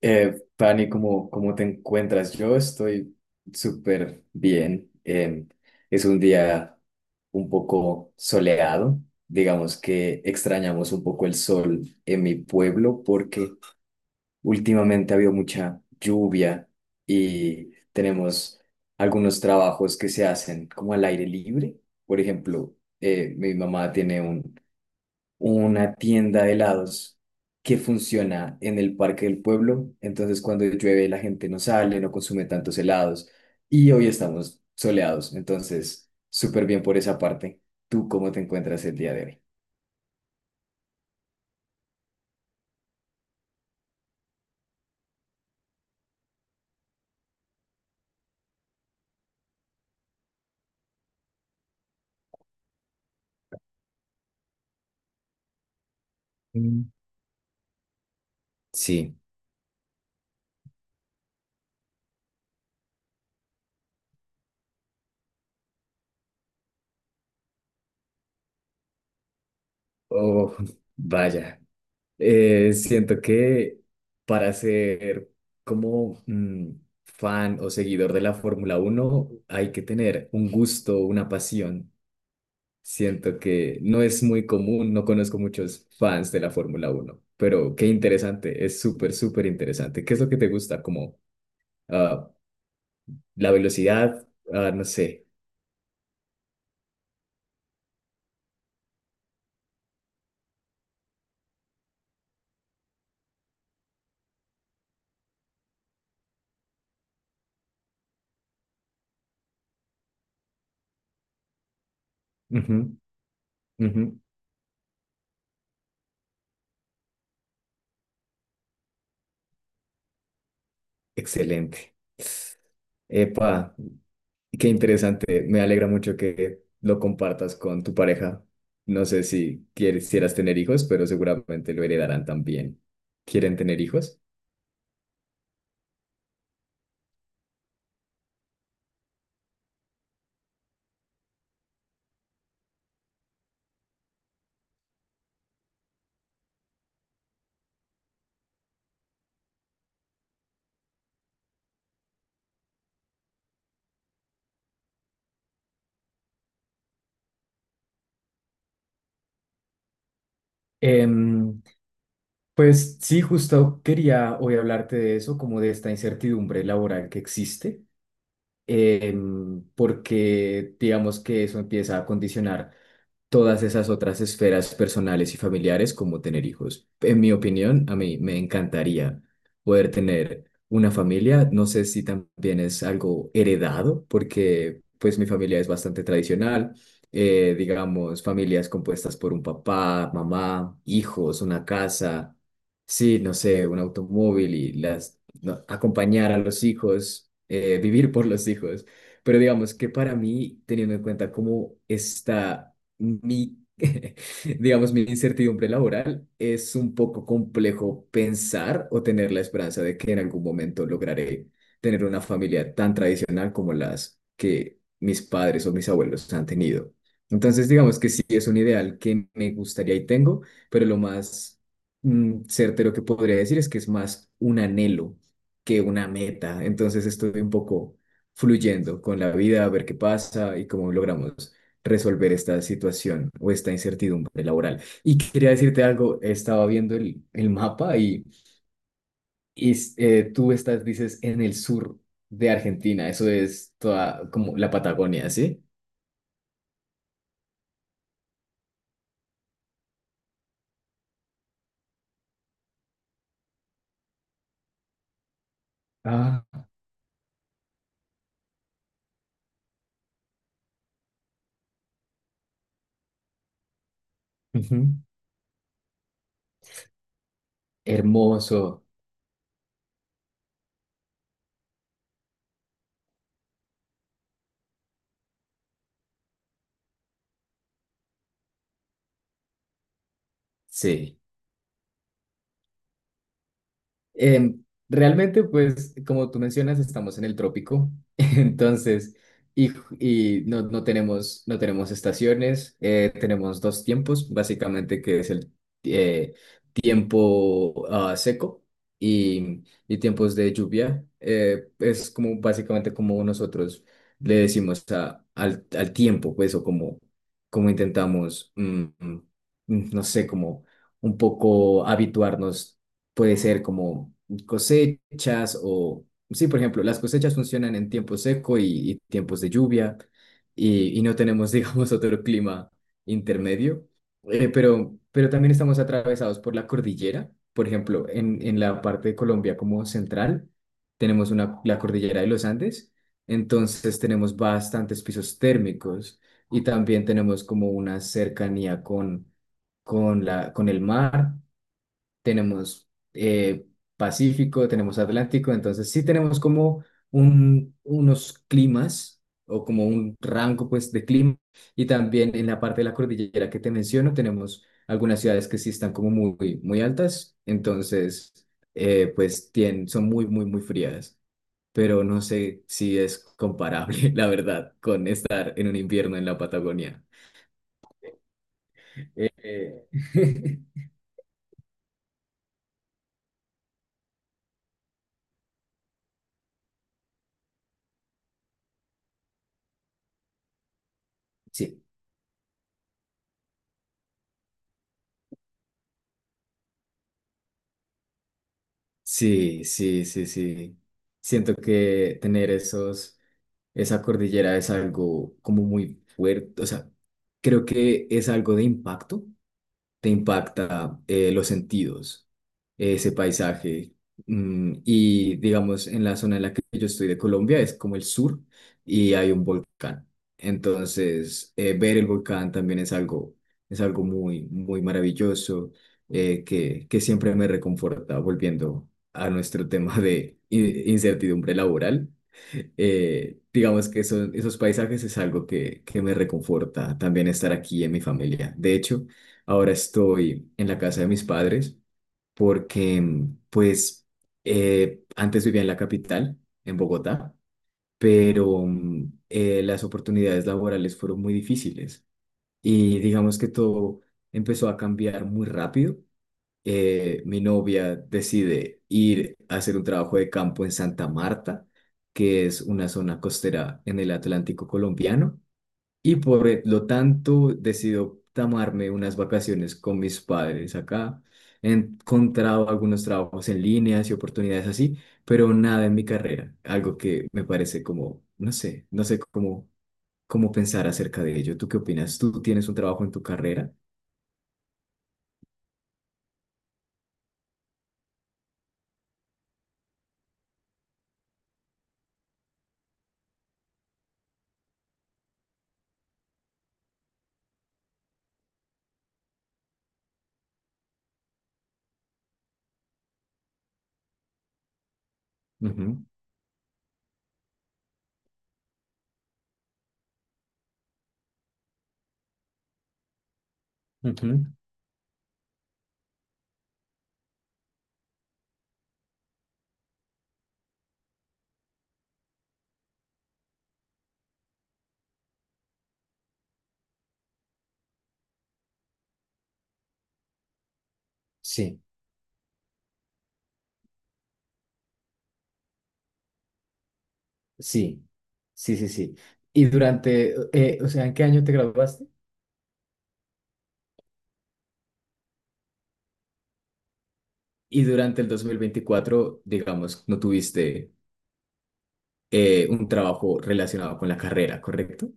Fanny, ¿cómo te encuentras? Yo estoy súper bien. Es un día un poco soleado. Digamos que extrañamos un poco el sol en mi pueblo porque últimamente ha habido mucha lluvia y tenemos algunos trabajos que se hacen como al aire libre. Por ejemplo, mi mamá tiene un una tienda de helados que funciona en el Parque del Pueblo. Entonces, cuando llueve, la gente no sale, no consume tantos helados. Y hoy estamos soleados. Entonces, súper bien por esa parte. ¿Tú cómo te encuentras el día de hoy? Mm. Sí. Oh, vaya. Siento que para ser como fan o seguidor de la Fórmula Uno hay que tener un gusto, una pasión. Siento que no es muy común, no conozco muchos fans de la Fórmula Uno, pero qué interesante, es súper, súper interesante. ¿Qué es lo que te gusta? Como ah, la velocidad, no sé. Ujú. Ujú. Excelente. Epa, qué interesante. Me alegra mucho que lo compartas con tu pareja. No sé si quisieras tener hijos, pero seguramente lo heredarán también. ¿Quieren tener hijos? Em, Pues sí, justo quería hoy hablarte de eso, como de esta incertidumbre laboral que existe, porque digamos que eso empieza a condicionar todas esas otras esferas personales y familiares como tener hijos. En mi opinión, a mí me encantaría poder tener una familia. No sé si también es algo heredado, porque pues mi familia es bastante tradicional. Digamos, familias compuestas por un papá, mamá, hijos, una casa, sí, no sé, un automóvil y las no, acompañar a los hijos, vivir por los hijos. Pero digamos que para mí, teniendo en cuenta cómo está mi, digamos, mi incertidumbre laboral es un poco complejo pensar o tener la esperanza de que en algún momento lograré tener una familia tan tradicional como las que mis padres o mis abuelos han tenido. Entonces, digamos que sí es un ideal que me gustaría y tengo, pero lo más certero que podría decir es que es más un anhelo que una meta. Entonces, estoy un poco fluyendo con la vida, a ver qué pasa y cómo logramos resolver esta situación o esta incertidumbre laboral. Y quería decirte algo, estaba viendo el mapa y tú estás, dices, en el sur de Argentina, eso es toda como la Patagonia, ¿sí? Ah, ujú. Hermoso, sí. Eh, Realmente, pues, como tú mencionas, estamos en el trópico, entonces, y, y no tenemos estaciones, tenemos dos tiempos, básicamente, que es el eh, tiempo seco y, y tiempos de lluvia. Es como, básicamente, como nosotros le decimos al tiempo, pues, o como intentamos, no sé, como un poco habituarnos. Puede ser como cosechas o, sí, por ejemplo, las cosechas funcionan en tiempo seco y tiempos de lluvia y no tenemos, digamos, otro clima intermedio. Pero también estamos atravesados por la cordillera. Por ejemplo, en la parte de Colombia como central, tenemos la cordillera de los Andes, entonces tenemos bastantes pisos térmicos y también tenemos como una cercanía con, con el mar. Tenemos eh, Pacífico, tenemos Atlántico, entonces sí tenemos como unos climas o como un rango pues de clima, y también en la parte de la cordillera que te menciono tenemos algunas ciudades que sí están como muy, muy altas, entonces pues son muy, muy, muy frías, pero no sé si es comparable, la verdad, con estar en un invierno en la Patagonia. Eh, sí. Sí, sí, sí, sí. Siento que tener esa cordillera es algo como muy fuerte, o sea, creo que es algo de impacto. Te impacta los sentidos, ese paisaje. Y digamos, en la zona en la que yo estoy de Colombia es como el sur y hay un volcán. Entonces, ver el volcán también es algo muy, muy maravilloso, que siempre me reconforta, volviendo a nuestro tema de incertidumbre laboral. Digamos que esos paisajes es algo que me reconforta también estar aquí en mi familia. De hecho, ahora estoy en la casa de mis padres porque, pues, antes vivía en la capital, en Bogotá, pero las oportunidades laborales fueron muy difíciles y digamos que todo empezó a cambiar muy rápido. Mi novia decide ir a hacer un trabajo de campo en Santa Marta, que es una zona costera en el Atlántico colombiano, y por lo tanto decido tomarme unas vacaciones con mis padres acá. He encontrado algunos trabajos en líneas y oportunidades así, pero nada en mi carrera, algo que me parece como, no sé, no sé cómo pensar acerca de ello. ¿Tú qué opinas? ¿Tú tienes un trabajo en tu carrera? Ujú. Ujú. Sí. Sí, sí, sí, sí. Y durante, o sea, ¿en qué año te graduaste? Y durante el 2024, digamos, no tuviste un trabajo relacionado con la carrera, ¿correcto?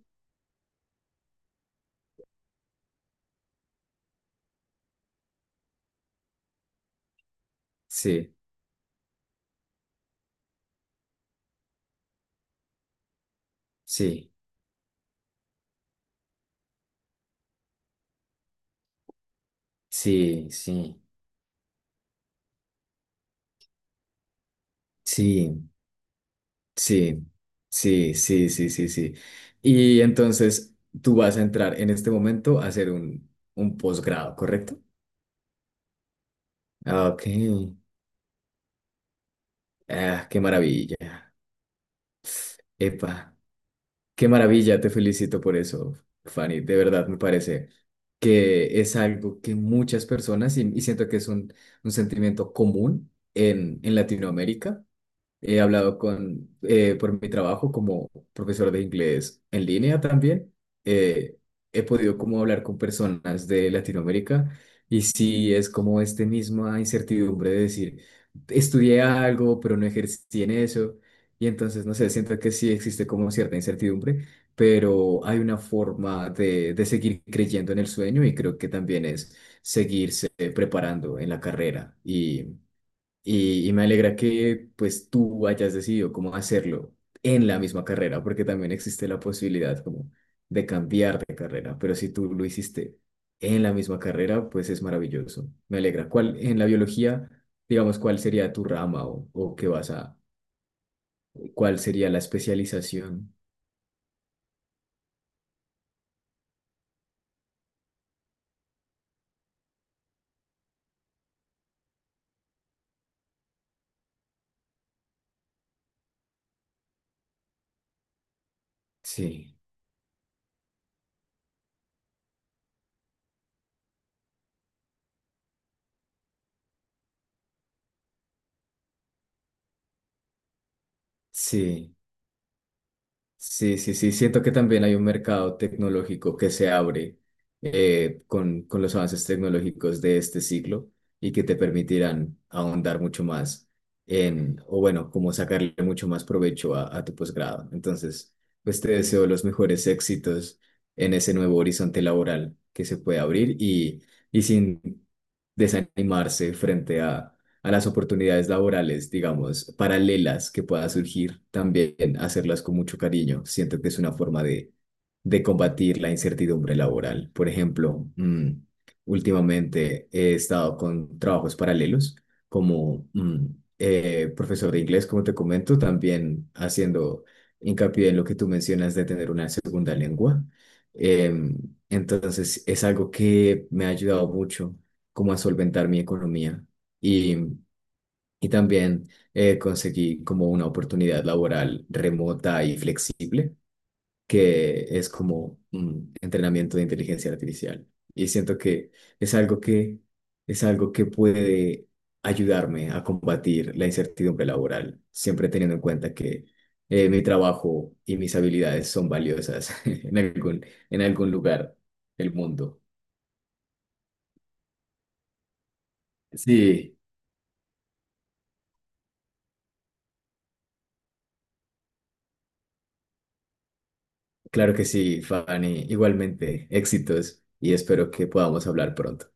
Sí, sí, sí, sí, sí, sí, sí, sí, sí, sí, sí. Y entonces tú vas a entrar en este momento a hacer un posgrado, ¿correcto? Ah, ok. Ah, qué maravilla. Epa. Qué maravilla, te felicito por eso, Fanny. De verdad, me parece que es algo que muchas personas, y siento que es un sentimiento común en Latinoamérica. He hablado por mi trabajo como profesor de inglés en línea también, eh, he podido como hablar con personas de Latinoamérica y sí es como esta misma incertidumbre de decir, estudié algo, pero no ejercí en eso. Y entonces, no sé, siento que sí existe como cierta incertidumbre, pero hay una forma de seguir creyendo en el sueño y creo que también es seguirse preparando en la carrera, y me alegra que pues tú hayas decidido cómo hacerlo en la misma carrera, porque también existe la posibilidad como de cambiar de carrera, pero si tú lo hiciste en la misma carrera, pues es maravilloso. Me alegra. ¿Cuál en la biología, digamos, cuál sería tu rama o qué vas a, cuál sería la especialización? Sí, sí. Sí, sí, sí, siento que también hay un mercado tecnológico que se abre con los avances tecnológicos de este siglo y que te permitirán ahondar mucho más o bueno, como sacarle mucho más provecho a tu posgrado. Entonces, pues te deseo los mejores éxitos en ese nuevo horizonte laboral que se puede abrir, y sin desanimarse frente a las oportunidades laborales, digamos, paralelas que puedan surgir, también hacerlas con mucho cariño. Siento que es una forma de combatir la incertidumbre laboral. Por ejemplo, últimamente he estado con trabajos paralelos como profesor de inglés, como te comento, también haciendo hincapié en lo que tú mencionas de tener una segunda lengua. Em, entonces, es algo que me ha ayudado mucho como a solventar mi economía. Y y también conseguí como una oportunidad laboral remota y flexible, que es como un entrenamiento de inteligencia artificial. Y siento que es algo que, es algo que puede ayudarme a combatir la incertidumbre laboral, siempre teniendo en cuenta que mi trabajo y mis habilidades son valiosas en algún lugar del mundo. Sí, claro que sí, Fanny. Igualmente, éxitos y espero que podamos hablar pronto.